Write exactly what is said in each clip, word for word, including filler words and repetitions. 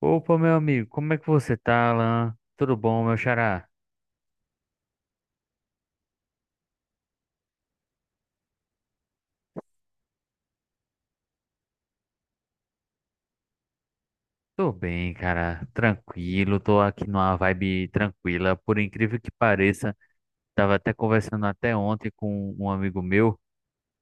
Opa, meu amigo, como é que você tá, Alan? Tudo bom, meu xará? Tô bem, cara, tranquilo, tô aqui numa vibe tranquila, por incrível que pareça. Tava até conversando até ontem com um amigo meu,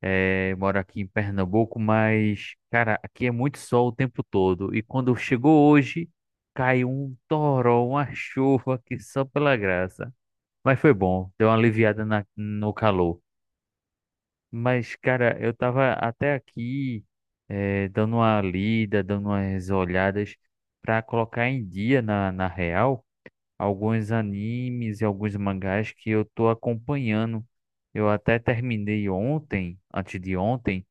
é, mora aqui em Pernambuco, mas, cara, aqui é muito sol o tempo todo. E quando chegou hoje, caiu um toró, uma chuva que só pela graça. Mas foi bom, deu uma aliviada na- no calor. Mas, cara, eu tava até aqui eh, dando uma lida, dando umas olhadas pra colocar em dia na, na real alguns animes e alguns mangás que eu tô acompanhando. Eu até terminei ontem, antes de ontem,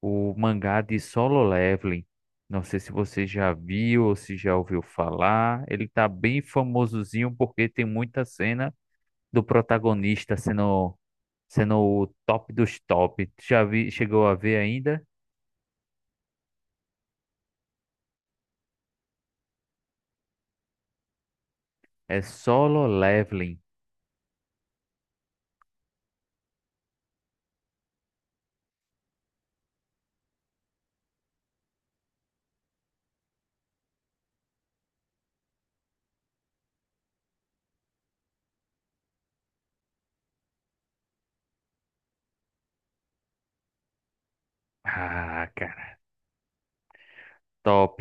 o mangá de Solo Leveling. Não sei se você já viu ou se já ouviu falar. Ele tá bem famosozinho porque tem muita cena do protagonista sendo, sendo o top dos top. Tu Já vi, chegou a ver ainda? É Solo Leveling. Ah, cara, top.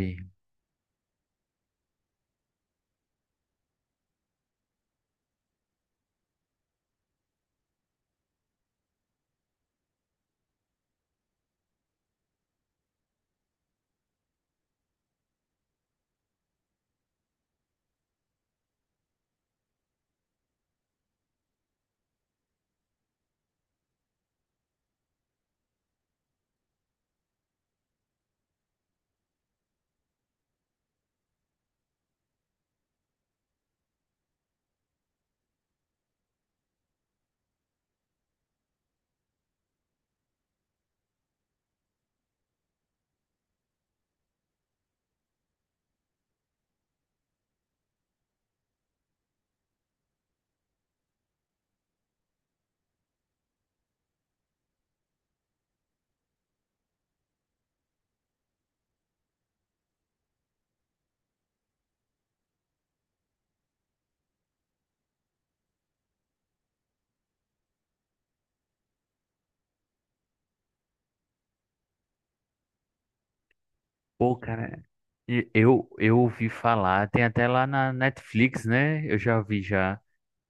Pô, cara, e- eu, eu ouvi falar, tem até lá na Netflix, né? Eu já vi já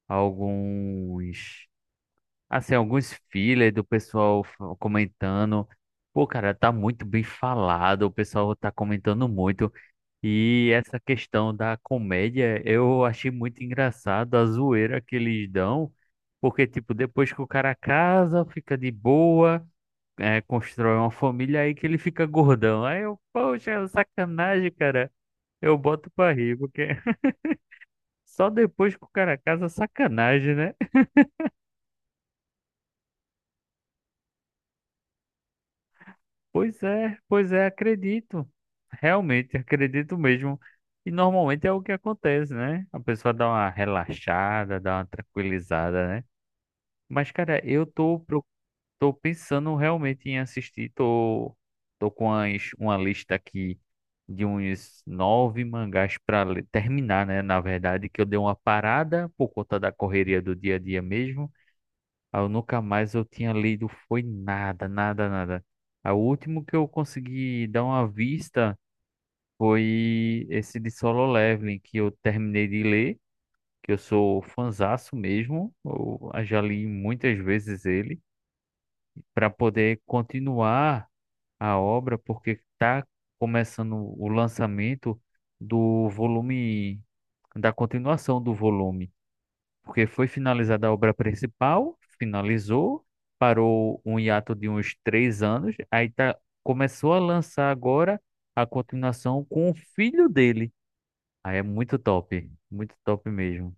alguns, assim, alguns fillers do pessoal f- comentando. Pô, cara, tá muito bem falado, o pessoal tá comentando muito. E essa questão da comédia, eu achei muito engraçado a zoeira que eles dão, porque, tipo, depois que o cara casa, fica de boa, é, constrói uma família, aí que ele fica gordão. Aí eu, poxa, é sacanagem, cara. Eu boto pra rir, porque só depois que o cara casa, sacanagem, né? Pois é, pois é, acredito. Realmente, acredito mesmo. E normalmente é o que acontece, né? A pessoa dá uma relaxada, dá uma tranquilizada, né? Mas, cara, eu tô, pro- tô pensando realmente em assistir. Tô, tô com as, uma lista aqui de uns nove mangás pra le- terminar, né? Na verdade, que eu dei uma parada por conta da correria do dia a dia mesmo. Aí eu nunca mais eu tinha lido, foi nada, nada, nada. Aí o último que eu consegui dar uma vista foi esse de Solo Leveling, que eu terminei de ler, que eu sou fanzaço mesmo. Eu já li muitas vezes ele para poder continuar a obra, porque está começando o lançamento do volume, da continuação do volume, porque foi finalizada a obra principal, finalizou, parou um hiato de uns três anos, aí tá, começou a lançar agora a continuação com o filho dele. Aí é muito top, muito top mesmo.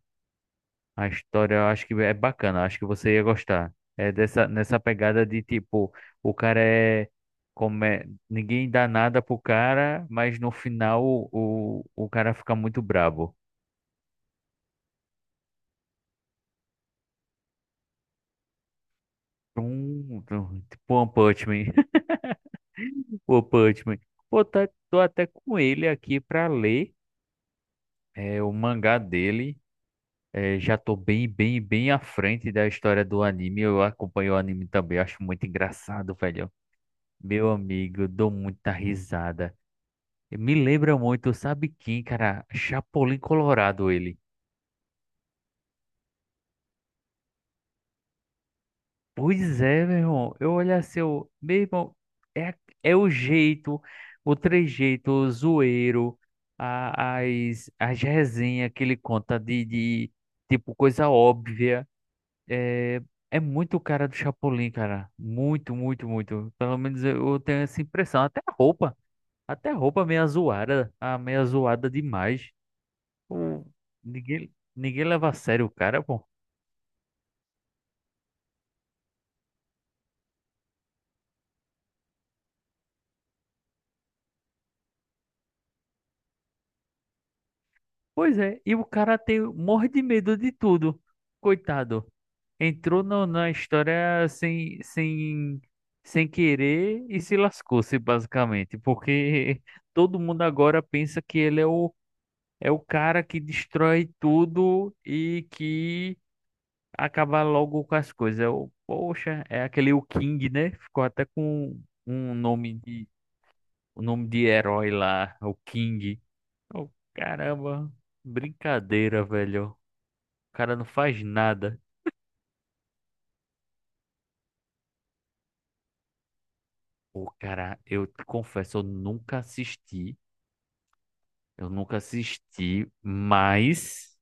A história eu acho que é bacana, eu acho que você ia gostar. É dessa, nessa pegada de tipo, o cara é, como é- ninguém dá nada pro cara, mas no final o, o cara fica muito brabo. Um, um- tipo One Punch Man. One Punch Man. Pô, tá, tô até com ele aqui pra ler é, o mangá dele. É, já tô bem, bem, bem à frente da história do anime. Eu acompanho o anime também, acho muito engraçado, velho. Meu amigo, dou muita risada. Me lembra muito, sabe quem, cara? Chapolin Colorado, ele. Pois é, meu irmão. Eu olho assim, eu, meu irmão, é, a- é o jeito, o trejeito, o zoeiro, a, as, as resenhas que ele conta de, de tipo, coisa óbvia. É, é muito o cara do Chapolin, cara. Muito, muito, muito. Pelo menos eu, eu tenho essa impressão. Até a roupa, até a roupa meia zoada, a meia zoada demais. Hum. Ninguém, ninguém leva a sério o cara, pô. Pois é, e o cara tem, morre de medo de tudo. Coitado. Entrou no- na história sem, sem, sem querer e se lascou-se, basicamente. Porque todo mundo agora pensa que ele é o, é o cara que destrói tudo e que acaba logo com as coisas. É o, poxa, é aquele o King, né? Ficou até com um nome de, um nome de herói lá, o King. Oh, caramba, brincadeira, velho. O cara não faz nada. Pô, cara, eu te confesso, eu nunca assisti. Eu nunca assisti, mas,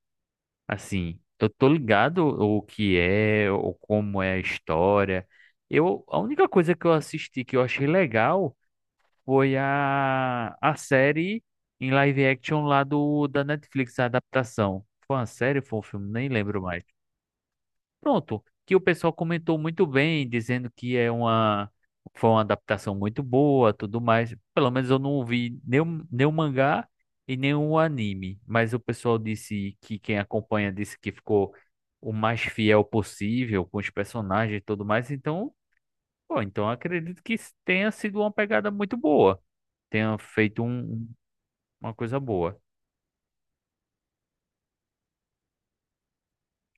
assim, eu tô ligado o que é, ou como é a história. Eu, a única coisa que eu assisti que eu achei legal foi a, a série em live action lá do, da Netflix, a adaptação. Foi uma série, foi um filme, nem lembro mais. Pronto, que o pessoal comentou muito bem, dizendo que é uma foi uma adaptação muito boa, tudo mais. Pelo menos eu não vi nenhum, nenhum mangá e nenhum anime, mas o pessoal disse que quem acompanha disse que ficou o mais fiel possível com os personagens e tudo mais. Então, pô, então eu acredito que tenha sido uma pegada muito boa, tenha feito um- um, uma coisa boa.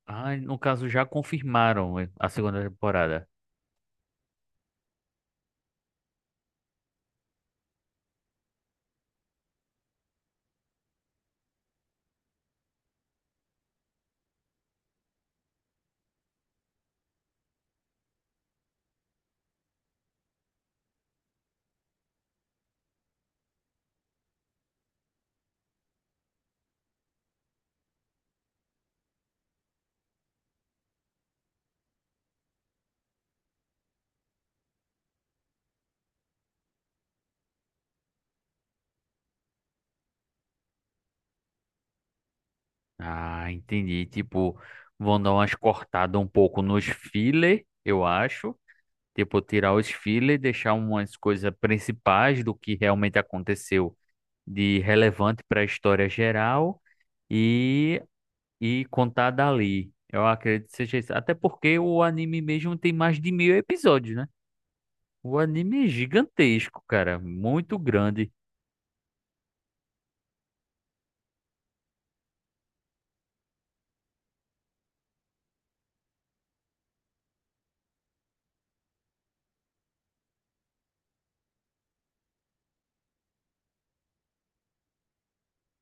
Ah, no caso já confirmaram a segunda temporada. Ah, entendi. Tipo, vão dar umas cortadas um pouco nos filler, eu acho. Tipo, tirar os filler e deixar umas coisas principais do que realmente aconteceu de relevante para a história geral e, e contar dali. Eu acredito que seja isso. Até porque o anime mesmo tem mais de mil episódios, né? O anime é gigantesco, cara. Muito grande.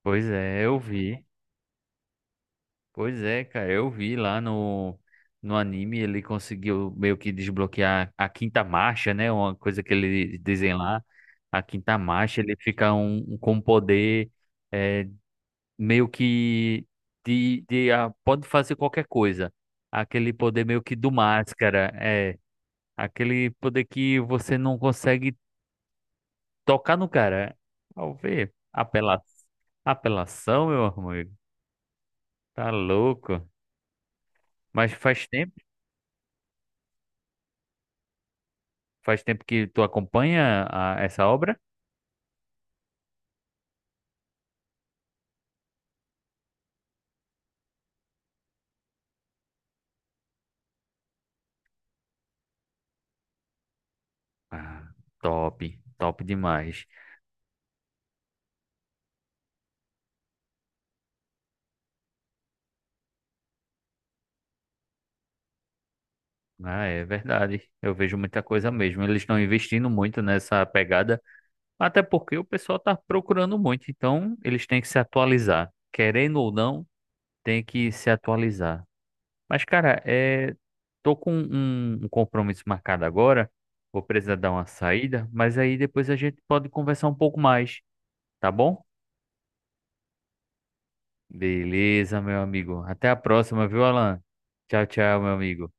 Pois é, eu vi. Pois é, cara, eu vi lá no, no anime, ele conseguiu meio que desbloquear a quinta marcha, né? Uma coisa que eles dizem lá, a quinta marcha, ele fica um, um- com um poder é, meio que de, de ah, pode fazer qualquer coisa. Aquele poder meio que do máscara, é aquele poder que você não consegue tocar no cara. Ao ver, apela, apelação, meu amigo, tá louco. Mas faz tempo. Faz tempo que tu acompanha a- essa obra? Ah, top, top demais. Ah, é verdade. Eu vejo muita coisa mesmo. Eles estão investindo muito nessa pegada, até porque o pessoal está procurando muito. Então, eles têm que se atualizar. Querendo ou não, tem que se atualizar. Mas, cara, é... tô com um um compromisso marcado agora. Vou precisar dar uma saída, mas aí depois a gente pode conversar um pouco mais, tá bom? Beleza, meu amigo. Até a próxima, viu, Alan? Tchau, tchau, meu amigo.